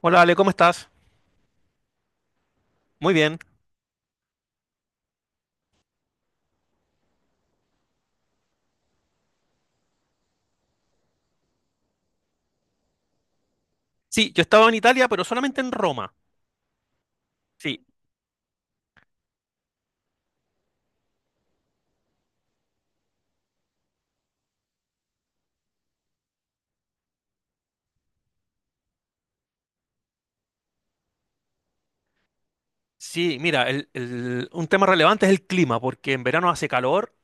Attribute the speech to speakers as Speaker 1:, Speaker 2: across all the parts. Speaker 1: Hola Ale, ¿cómo estás? Muy bien. Sí, yo estaba en Italia, pero solamente en Roma. Sí, sí, mira, un tema relevante es el clima, porque en verano hace calor,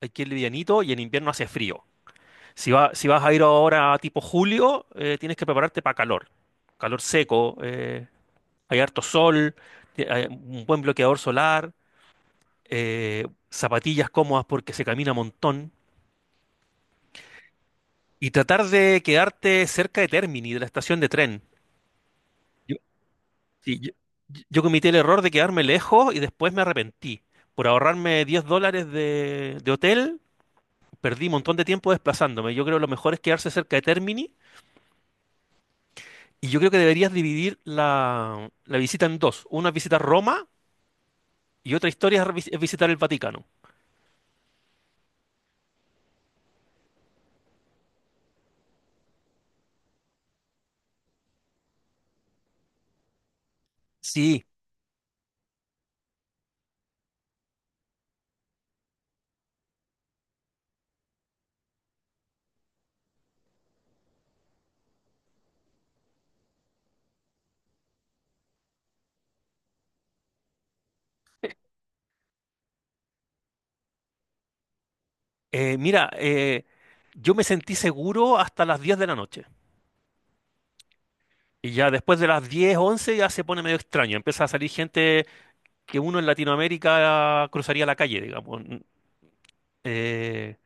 Speaker 1: aquí es livianito, y en invierno hace frío. Si, si vas a ir ahora tipo julio, tienes que prepararte para calor. Calor seco, hay harto sol, hay un buen bloqueador solar, zapatillas cómodas porque se camina un montón, y tratar de quedarte cerca de Termini, de la estación de tren. Sí, yo cometí el error de quedarme lejos y después me arrepentí. Por ahorrarme 10 dólares de hotel, perdí un montón de tiempo desplazándome. Yo creo que lo mejor es quedarse cerca de Termini y yo creo que deberías dividir la visita en dos. Una visita a Roma y otra historia es es visitar el Vaticano. Sí, mira, yo me sentí seguro hasta las 10 de la noche. Y ya después de las 10 11 ya se pone medio extraño. Empieza a salir gente que uno en Latinoamérica cruzaría la calle, digamos. Eh,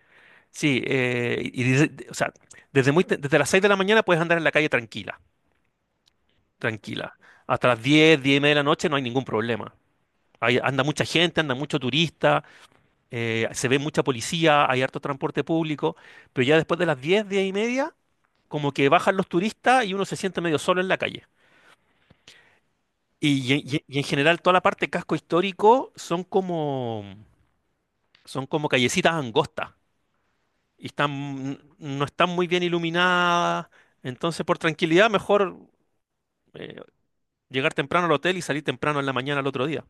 Speaker 1: Sí, y desde, o sea, desde las 6 de la mañana puedes andar en la calle tranquila, tranquila. Hasta las 10, 10 y media de la noche no hay ningún problema. Anda mucha gente, anda mucho turista, se ve mucha policía, hay harto transporte público, pero ya después de las 10, 10 y media, como que bajan los turistas y uno se siente medio solo en la calle. Y en general toda la parte casco histórico son como callecitas angostas. Y están, no están muy bien iluminadas. Entonces, por tranquilidad, mejor eh, llegar temprano al hotel y salir temprano en la mañana al otro día.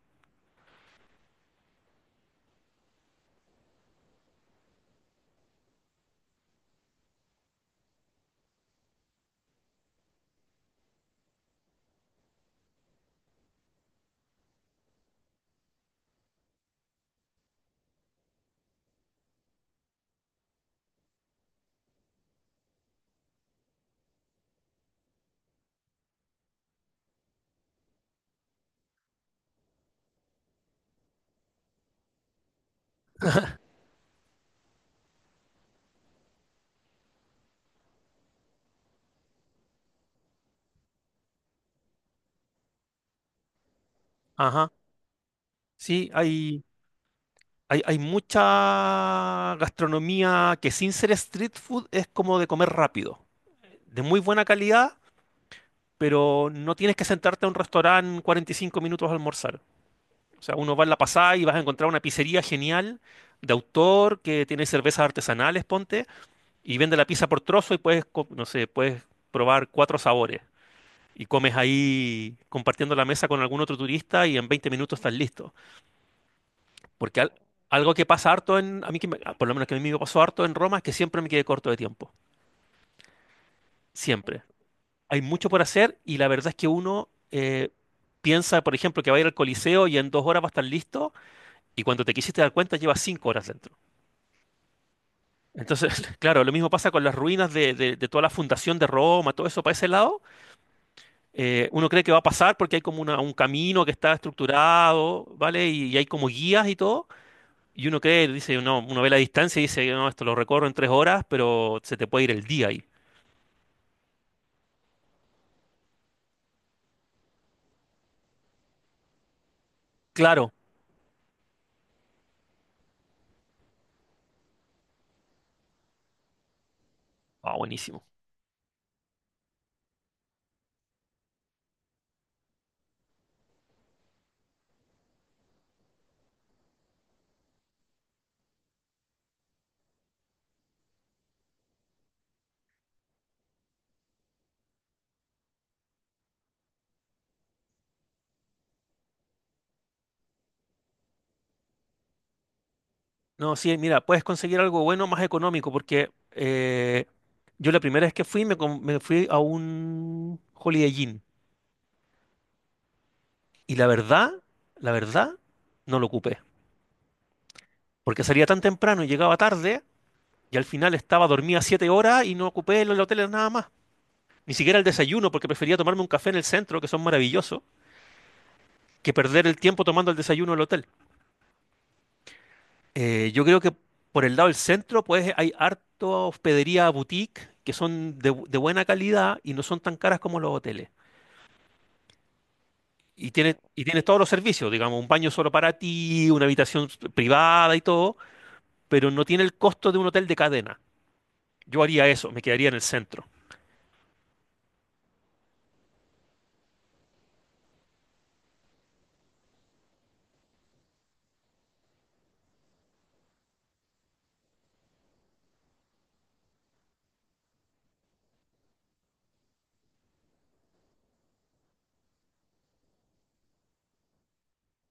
Speaker 1: Ajá. Sí, hay mucha gastronomía que sin ser street food es como de comer rápido, de muy buena calidad, pero no tienes que sentarte a un restaurante 45 minutos a almorzar. O sea, uno va en la pasada y vas a encontrar una pizzería genial de autor que tiene cervezas artesanales, ponte y vende la pizza por trozo y puedes, no sé, puedes probar cuatro sabores. Y comes ahí compartiendo la mesa con algún otro turista y en 20 minutos estás listo. Porque al- Algo que pasa harto en, a mí que me- ah, por lo menos que a mí me pasó harto en Roma es que siempre me quedé corto de tiempo. Siempre. Hay mucho por hacer y la verdad es que uno piensa, por ejemplo, que va a ir al Coliseo y en dos horas va a estar listo y cuando te quisiste dar cuenta llevas cinco horas dentro. Entonces, claro, lo mismo pasa con las ruinas de toda la fundación de Roma, todo eso para ese lado uno cree que va a pasar porque hay como un camino que está estructurado, ¿vale? Y hay como guías y todo. Y uno cree, dice, no, uno ve la distancia y dice, no, esto lo recorro en tres horas, pero se te puede ir el día ahí. Claro. Ah, buenísimo. No, sí, mira, puedes conseguir algo bueno más económico porque yo la primera vez que fui me fui a un Holiday Inn y la verdad, no lo ocupé. Porque salía tan temprano y llegaba tarde y al final estaba dormía siete horas y no ocupé el hotel nada más. Ni siquiera el desayuno, porque prefería tomarme un café en el centro, que son maravillosos, que perder el tiempo tomando el desayuno en el hotel. Yo creo que por el lado del centro, pues hay harto hospedería boutique, que son de buena calidad y no son tan caras como los hoteles. Y tienes todos los servicios, digamos, un baño solo para ti, una habitación privada y todo, pero no tiene el costo de un hotel de cadena. Yo haría eso, me quedaría en el centro.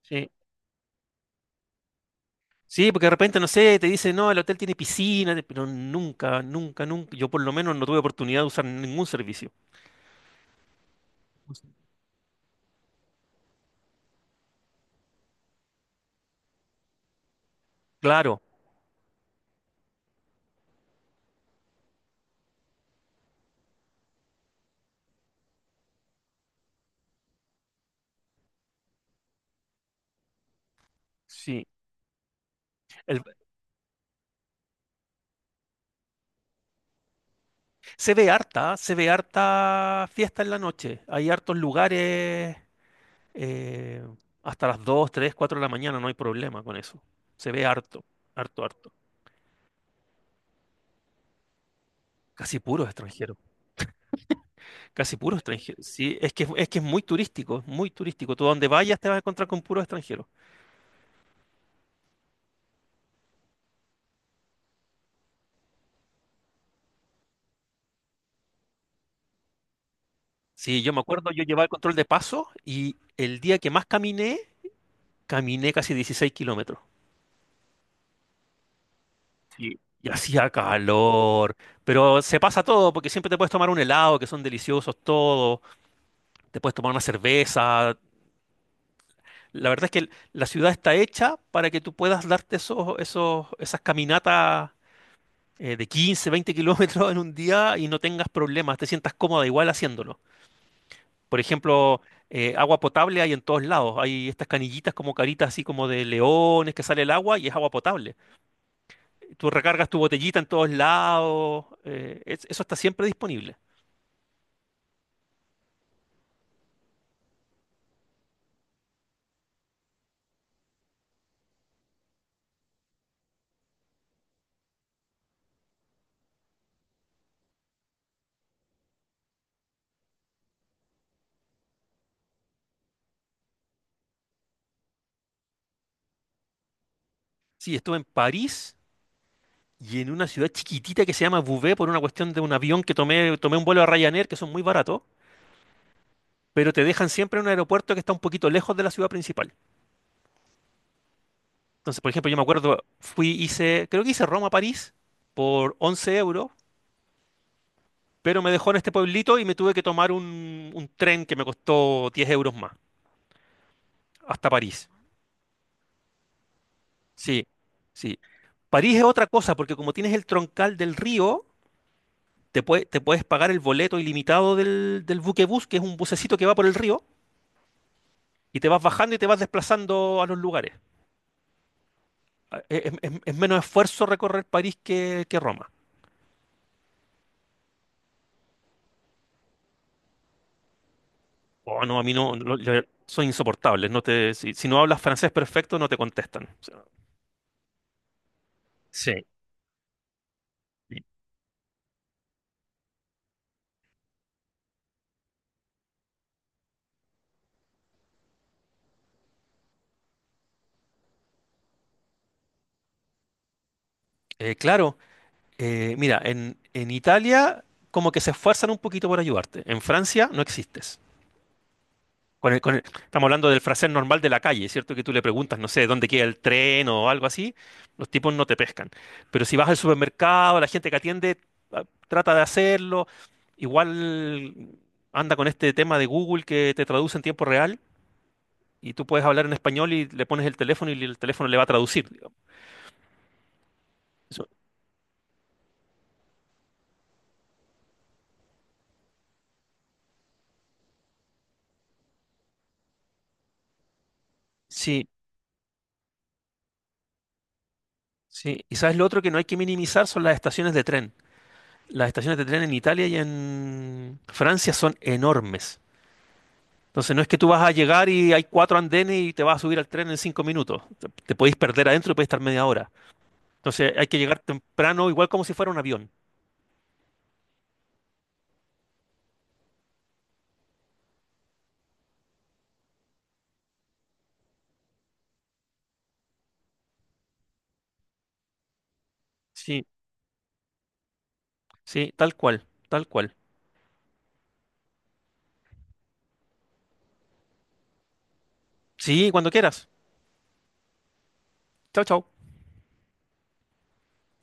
Speaker 1: Sí. Sí, porque de repente, no sé, te dicen, no, el hotel tiene piscina, pero nunca, nunca, nunca, yo por lo menos no tuve oportunidad de usar ningún servicio. Claro, sí. El- Se ve harta, se ve harta fiesta en la noche. Hay hartos lugares eh, hasta las 2 3 4 de la mañana, no hay problema con eso. Se ve harto, harto, harto. Casi puro extranjero, casi puro extranjero. Sí, es que es muy turístico, es muy turístico. Tú a donde vayas te vas a encontrar con puro extranjero. Sí, yo me acuerdo, yo llevaba el control de paso y el día que más caminé, caminé casi 16 kilómetros. Sí. Y hacía calor, pero se pasa todo, porque siempre te puedes tomar un helado, que son deliciosos todos, te puedes tomar una cerveza. La verdad es que la ciudad está hecha para que tú puedas darte esas caminatas de 15, 20 kilómetros en un día y no tengas problemas, te sientas cómoda igual haciéndolo. Por ejemplo, agua potable hay en todos lados. Hay estas canillitas como caritas así como de leones que sale el agua y es agua potable. Tú recargas tu botellita en todos lados. Eso está siempre disponible. Sí, estuve en París y en una ciudad chiquitita que se llama Beauvais por una cuestión de un avión que tomé, tomé un vuelo a Ryanair que son muy baratos, pero te dejan siempre en un aeropuerto que está un poquito lejos de la ciudad principal. Entonces, por ejemplo, yo me acuerdo, fui, hice, creo que hice Roma-París a París por 11 euros. Pero me dejó en este pueblito y me tuve que tomar un tren que me costó 10 euros más, hasta París. Sí, sí. París es otra cosa, porque como tienes el troncal del río, te puedes pagar el boleto ilimitado del buquebús, que es un bucecito que va por el río, y te vas bajando y te vas desplazando a los lugares. Ah, es menos esfuerzo recorrer París que Roma. Oh, no, a mí no, no, son insoportables. Si, si no hablas francés perfecto, no te contestan. O sea, sí. eh, claro, Mira, en Italia como que se esfuerzan un poquito por ayudarte. En Francia no existes. Estamos hablando del francés normal de la calle, ¿cierto? Que tú le preguntas, no sé, dónde queda el tren o algo así, los tipos no te pescan. Pero si vas al supermercado, la gente que atiende trata de hacerlo. Igual anda con este tema de Google que te traduce en tiempo real y tú puedes hablar en español y le pones el teléfono y el teléfono le va a traducir, digamos. Eso- sí, sí. Y sabes lo otro que no hay que minimizar son las estaciones de tren. Las estaciones de tren en Italia y en Francia son enormes. Entonces no es que tú vas a llegar y hay cuatro andenes y te vas a subir al tren en cinco minutos. Te podéis perder adentro y podéis estar media hora. Entonces hay que llegar temprano, igual como si fuera un avión. Sí, sí, tal cual, tal cual. Sí, cuando quieras. Chao, chao.